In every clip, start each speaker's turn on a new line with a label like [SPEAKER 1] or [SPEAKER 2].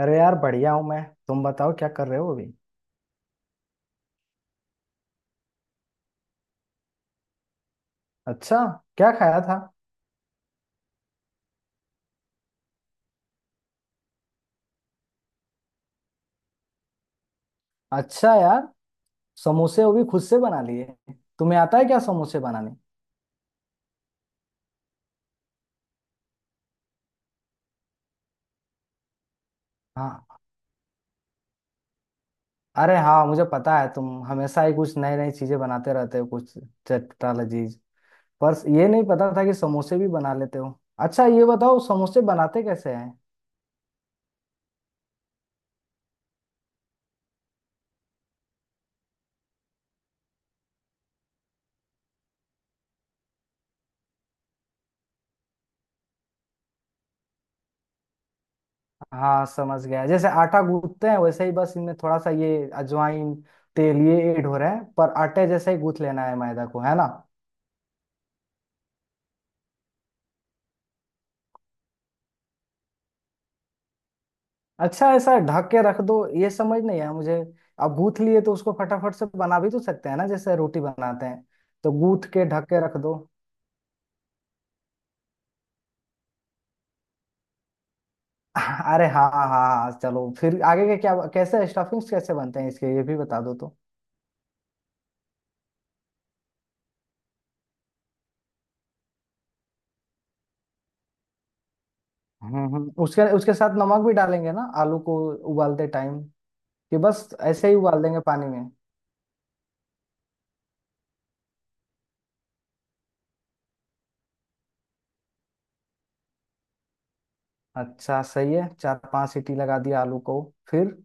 [SPEAKER 1] अरे यार बढ़िया हूँ मैं। तुम बताओ क्या कर रहे हो अभी। अच्छा, क्या खाया था? अच्छा यार, समोसे वो भी खुद से बना लिए। तुम्हें आता है क्या समोसे बनाने? हाँ। अरे हाँ, मुझे पता है तुम हमेशा ही कुछ नई नई चीजें बनाते रहते हो, कुछ चटपटा लजीज। पर ये नहीं पता था कि समोसे भी बना लेते हो। अच्छा ये बताओ समोसे बनाते कैसे हैं? हाँ समझ गया, जैसे आटा गूंथते हैं वैसे ही, बस इनमें थोड़ा सा ये अजवाइन, तेल ये ऐड हो रहे हैं, पर आटे जैसे ही गूंथ लेना है मैदा को, है ना? अच्छा, ऐसा ढक के रख दो? ये समझ नहीं आया मुझे। अब गूथ लिए तो उसको फटाफट से बना भी तो सकते हैं ना, जैसे रोटी बनाते हैं। तो गूथ के ढक के रख दो। अरे हाँ हाँ हाँ, चलो फिर आगे के क्या, कैसे स्टफिंग्स कैसे बनते हैं इसके, ये भी बता दो तो। हम्म, उसके उसके साथ नमक भी डालेंगे ना आलू को, उबालते टाइम? कि बस ऐसे ही उबाल देंगे पानी में? अच्छा सही है, चार पांच सीटी लगा दिया आलू को। फिर?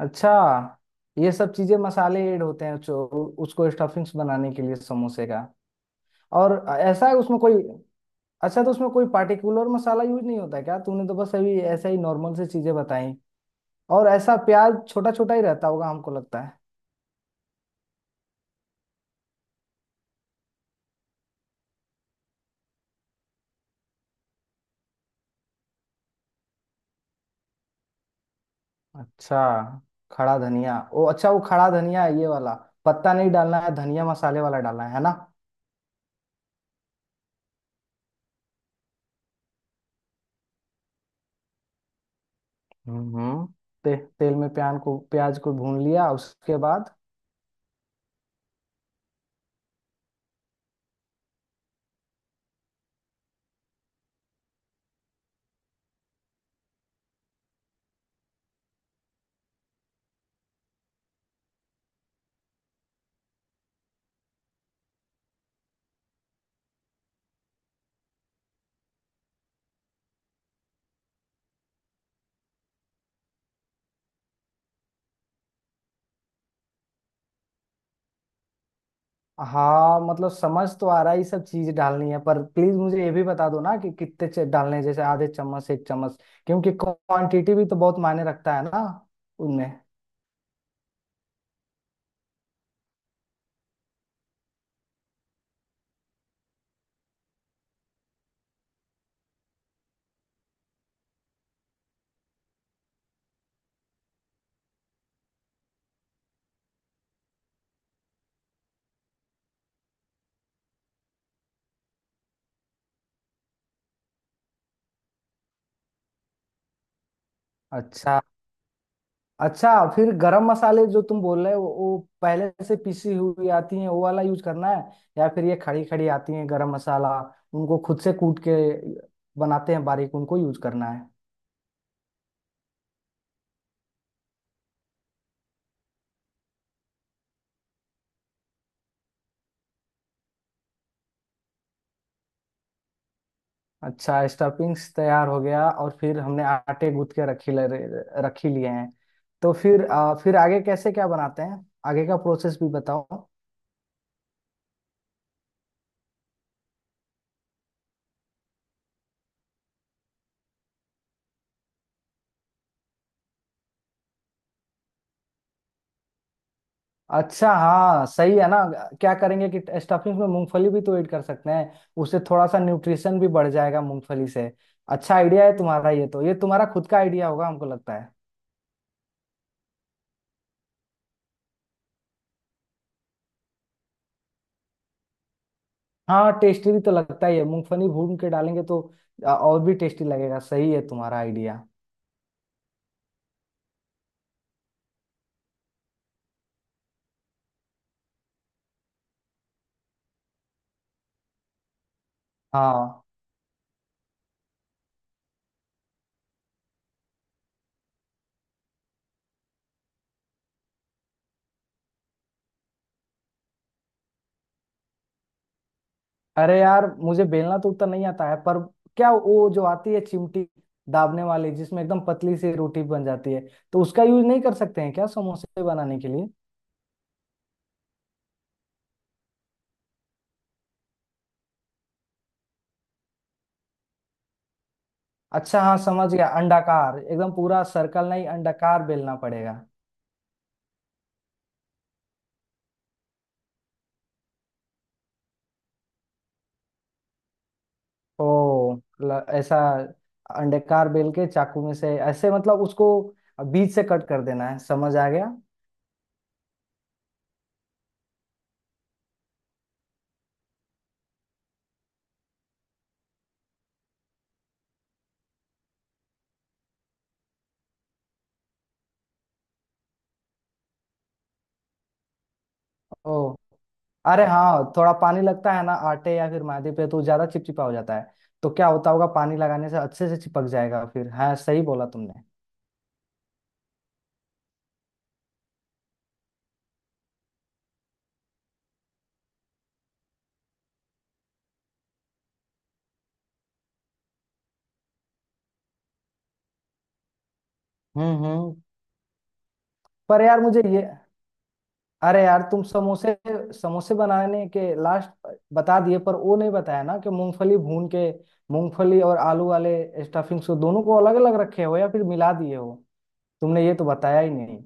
[SPEAKER 1] अच्छा, ये सब चीजें मसाले ऐड होते हैं जो, उसको स्टफिंग्स बनाने के लिए समोसे का। और ऐसा है उसमें कोई, अच्छा तो उसमें कोई पार्टिकुलर मसाला यूज नहीं होता क्या? तूने तो बस अभी ऐसा ही नॉर्मल से चीजें बताई। और ऐसा प्याज छोटा छोटा ही रहता होगा, हमको लगता है। अच्छा। खड़ा धनिया, ओ अच्छा, वो खड़ा धनिया है ये वाला। पत्ता नहीं डालना है धनिया, मसाले वाला डालना है ना? हम्म हम्म, तेल में प्यान को प्याज को भून लिया, उसके बाद? हाँ मतलब समझ तो आ रहा है ये सब चीज डालनी है, पर प्लीज मुझे ये भी बता दो ना कि कितने डालने हैं, जैसे आधे चम्मच, एक चम्मच। क्योंकि क्वांटिटी भी तो बहुत मायने रखता है ना उनमें। अच्छा। अच्छा। फिर गरम मसाले जो तुम बोल रहे हो, वो पहले से पिसी हुई आती हैं वो वाला यूज करना है, या फिर ये खड़ी खड़ी आती हैं गरम मसाला, उनको खुद से कूट के बनाते हैं बारीक, उनको यूज करना है? अच्छा, स्टफिंग्स तैयार हो गया, और फिर हमने आटे गूंथ के रखी लिए हैं। तो फिर फिर आगे कैसे क्या बनाते हैं, आगे का प्रोसेस भी बताओ। अच्छा हाँ, सही है ना। क्या करेंगे कि स्टफिंग में मूंगफली भी तो ऐड कर सकते हैं, उससे थोड़ा सा न्यूट्रिशन भी बढ़ जाएगा मूंगफली से। अच्छा आइडिया है तुम्हारा ये तो, ये तुम्हारा खुद का आइडिया होगा, हमको लगता है। हाँ टेस्टी भी तो लगता ही है मूंगफली भून के डालेंगे तो, और भी टेस्टी लगेगा, सही है तुम्हारा आइडिया। हाँ। अरे यार मुझे बेलना तो उतना नहीं आता है, पर क्या वो जो आती है चिमटी, दाबने वाली, जिसमें एकदम पतली सी रोटी बन जाती है, तो उसका यूज नहीं कर सकते हैं क्या समोसे बनाने के लिए? अच्छा हाँ समझ गया, अंडाकार, एकदम पूरा सर्कल नहीं, अंडाकार बेलना पड़ेगा। ओ, ऐसा, अंडाकार बेल के चाकू में से ऐसे मतलब उसको बीच से कट कर देना है, समझ आ गया। ओ, अरे हाँ, थोड़ा पानी लगता है ना आटे या फिर मैदे पे तो ज्यादा चिपचिपा हो जाता है, तो क्या होता होगा, पानी लगाने से अच्छे से चिपक जाएगा फिर। हाँ सही बोला तुमने। हम्म। पर यार मुझे ये, अरे यार तुम समोसे समोसे बनाने के लास्ट बता दिए, पर वो नहीं बताया ना कि मूंगफली भून के, मूंगफली और आलू वाले स्टफिंग से दोनों को अलग अलग रखे हो या फिर मिला दिए हो, तुमने ये तो बताया ही नहीं।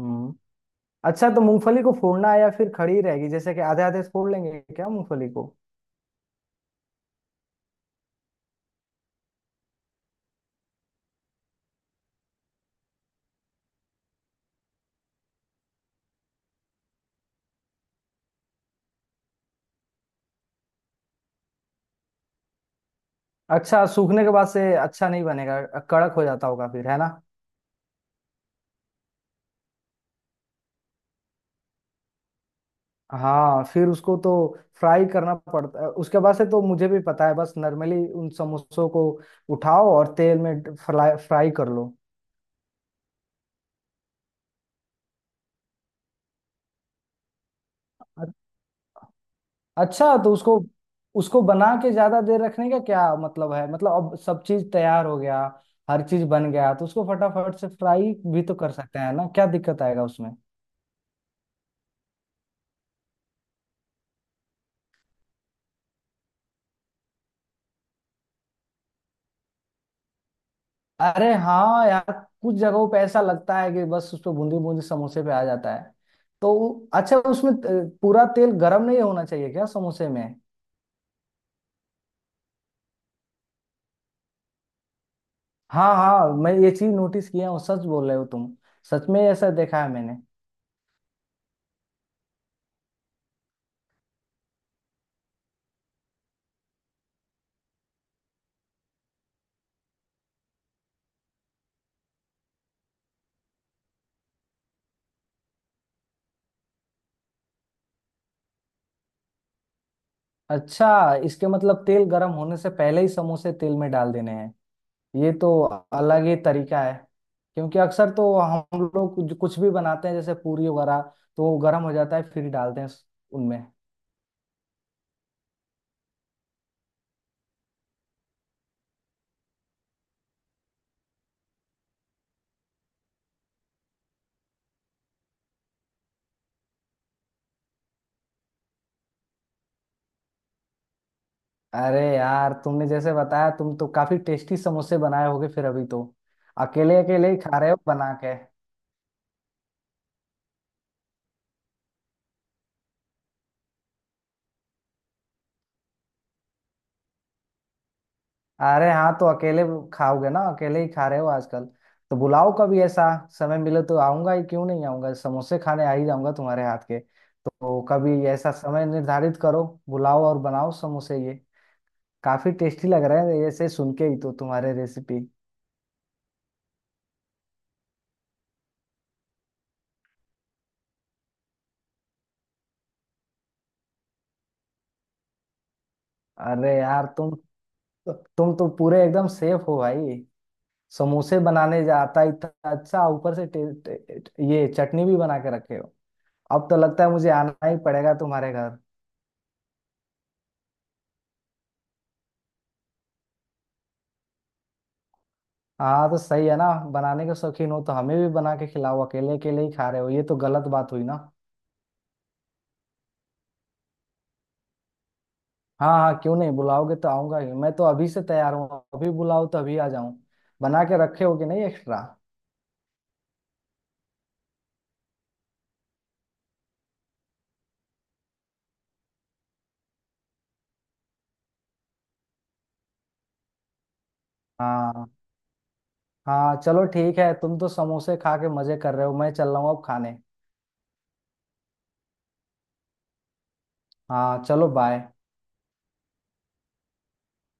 [SPEAKER 1] हम्म। अच्छा तो मूंगफली को फोड़ना है या फिर खड़ी रहेगी, जैसे कि आधे आधे फोड़ लेंगे क्या मूंगफली को? अच्छा, सूखने के बाद से अच्छा नहीं बनेगा, कड़क हो जाता होगा फिर, है ना? हाँ फिर उसको तो फ्राई करना पड़ता है उसके बाद से, तो मुझे भी पता है, बस नॉर्मली उन समोसों को उठाओ और तेल में फ्राई फ्राई कर लो। अ- अच्छा तो उसको, उसको बना के ज्यादा देर रखने का क्या मतलब है? मतलब अब सब चीज तैयार हो गया, हर चीज बन गया, तो उसको फटाफट से फ्राई भी तो कर सकते हैं ना, क्या दिक्कत आएगा उसमें? अरे हाँ यार, कुछ जगहों पे ऐसा लगता है कि बस उस पर बूंदी बूंदी समोसे पे आ जाता है, तो अच्छा उसमें पूरा तेल गर्म नहीं होना चाहिए क्या समोसे में? हाँ हाँ, मैं ये चीज नोटिस किया हूँ, सच बोल रहे हो तुम, सच में ऐसा देखा है मैंने। अच्छा इसके मतलब तेल गर्म होने से पहले ही समोसे तेल में डाल देने हैं? ये तो अलग ही तरीका है, क्योंकि अक्सर तो हम लोग कुछ कुछ भी बनाते हैं जैसे पूरी वगैरह, तो वो गर्म हो जाता है फिर डालते हैं उनमें। अरे यार तुमने जैसे बताया, तुम तो काफी टेस्टी समोसे बनाए होगे फिर, अभी तो अकेले अकेले ही खा रहे हो बना के। अरे हाँ तो अकेले खाओगे ना, अकेले ही खा रहे हो आजकल, तो बुलाओ कभी। ऐसा समय मिले तो आऊंगा ही, क्यों नहीं आऊंगा, समोसे खाने आ ही जाऊंगा तुम्हारे हाथ के, तो कभी ऐसा समय निर्धारित करो, बुलाओ और बनाओ समोसे, ये काफी टेस्टी लग रहे हैं ऐसे सुन के ही तो, तुम्हारे रेसिपी। अरे यार तुम, तुम तो पूरे एकदम सेफ हो भाई, समोसे बनाने जाता इतना अच्छा, ऊपर से टे, टे, टे- ये चटनी भी बना के रखे हो। अब तो लगता है मुझे आना ही पड़ेगा तुम्हारे घर। हाँ तो सही है ना, बनाने के शौकीन हो तो हमें भी बना के खिलाओ, अकेले अकेले ही खा रहे हो ये तो गलत बात हुई ना। हाँ हाँ, क्यों नहीं, बुलाओगे तो आऊंगा ही, मैं तो अभी से तैयार हूँ, अभी बुलाओ तो अभी आ जाऊं, बना के रखे हो कि नहीं एक्स्ट्रा? हाँ हाँ चलो ठीक है, तुम तो समोसे खा के मजे कर रहे हो, मैं चल रहा हूँ अब खाने। हाँ चलो बाय।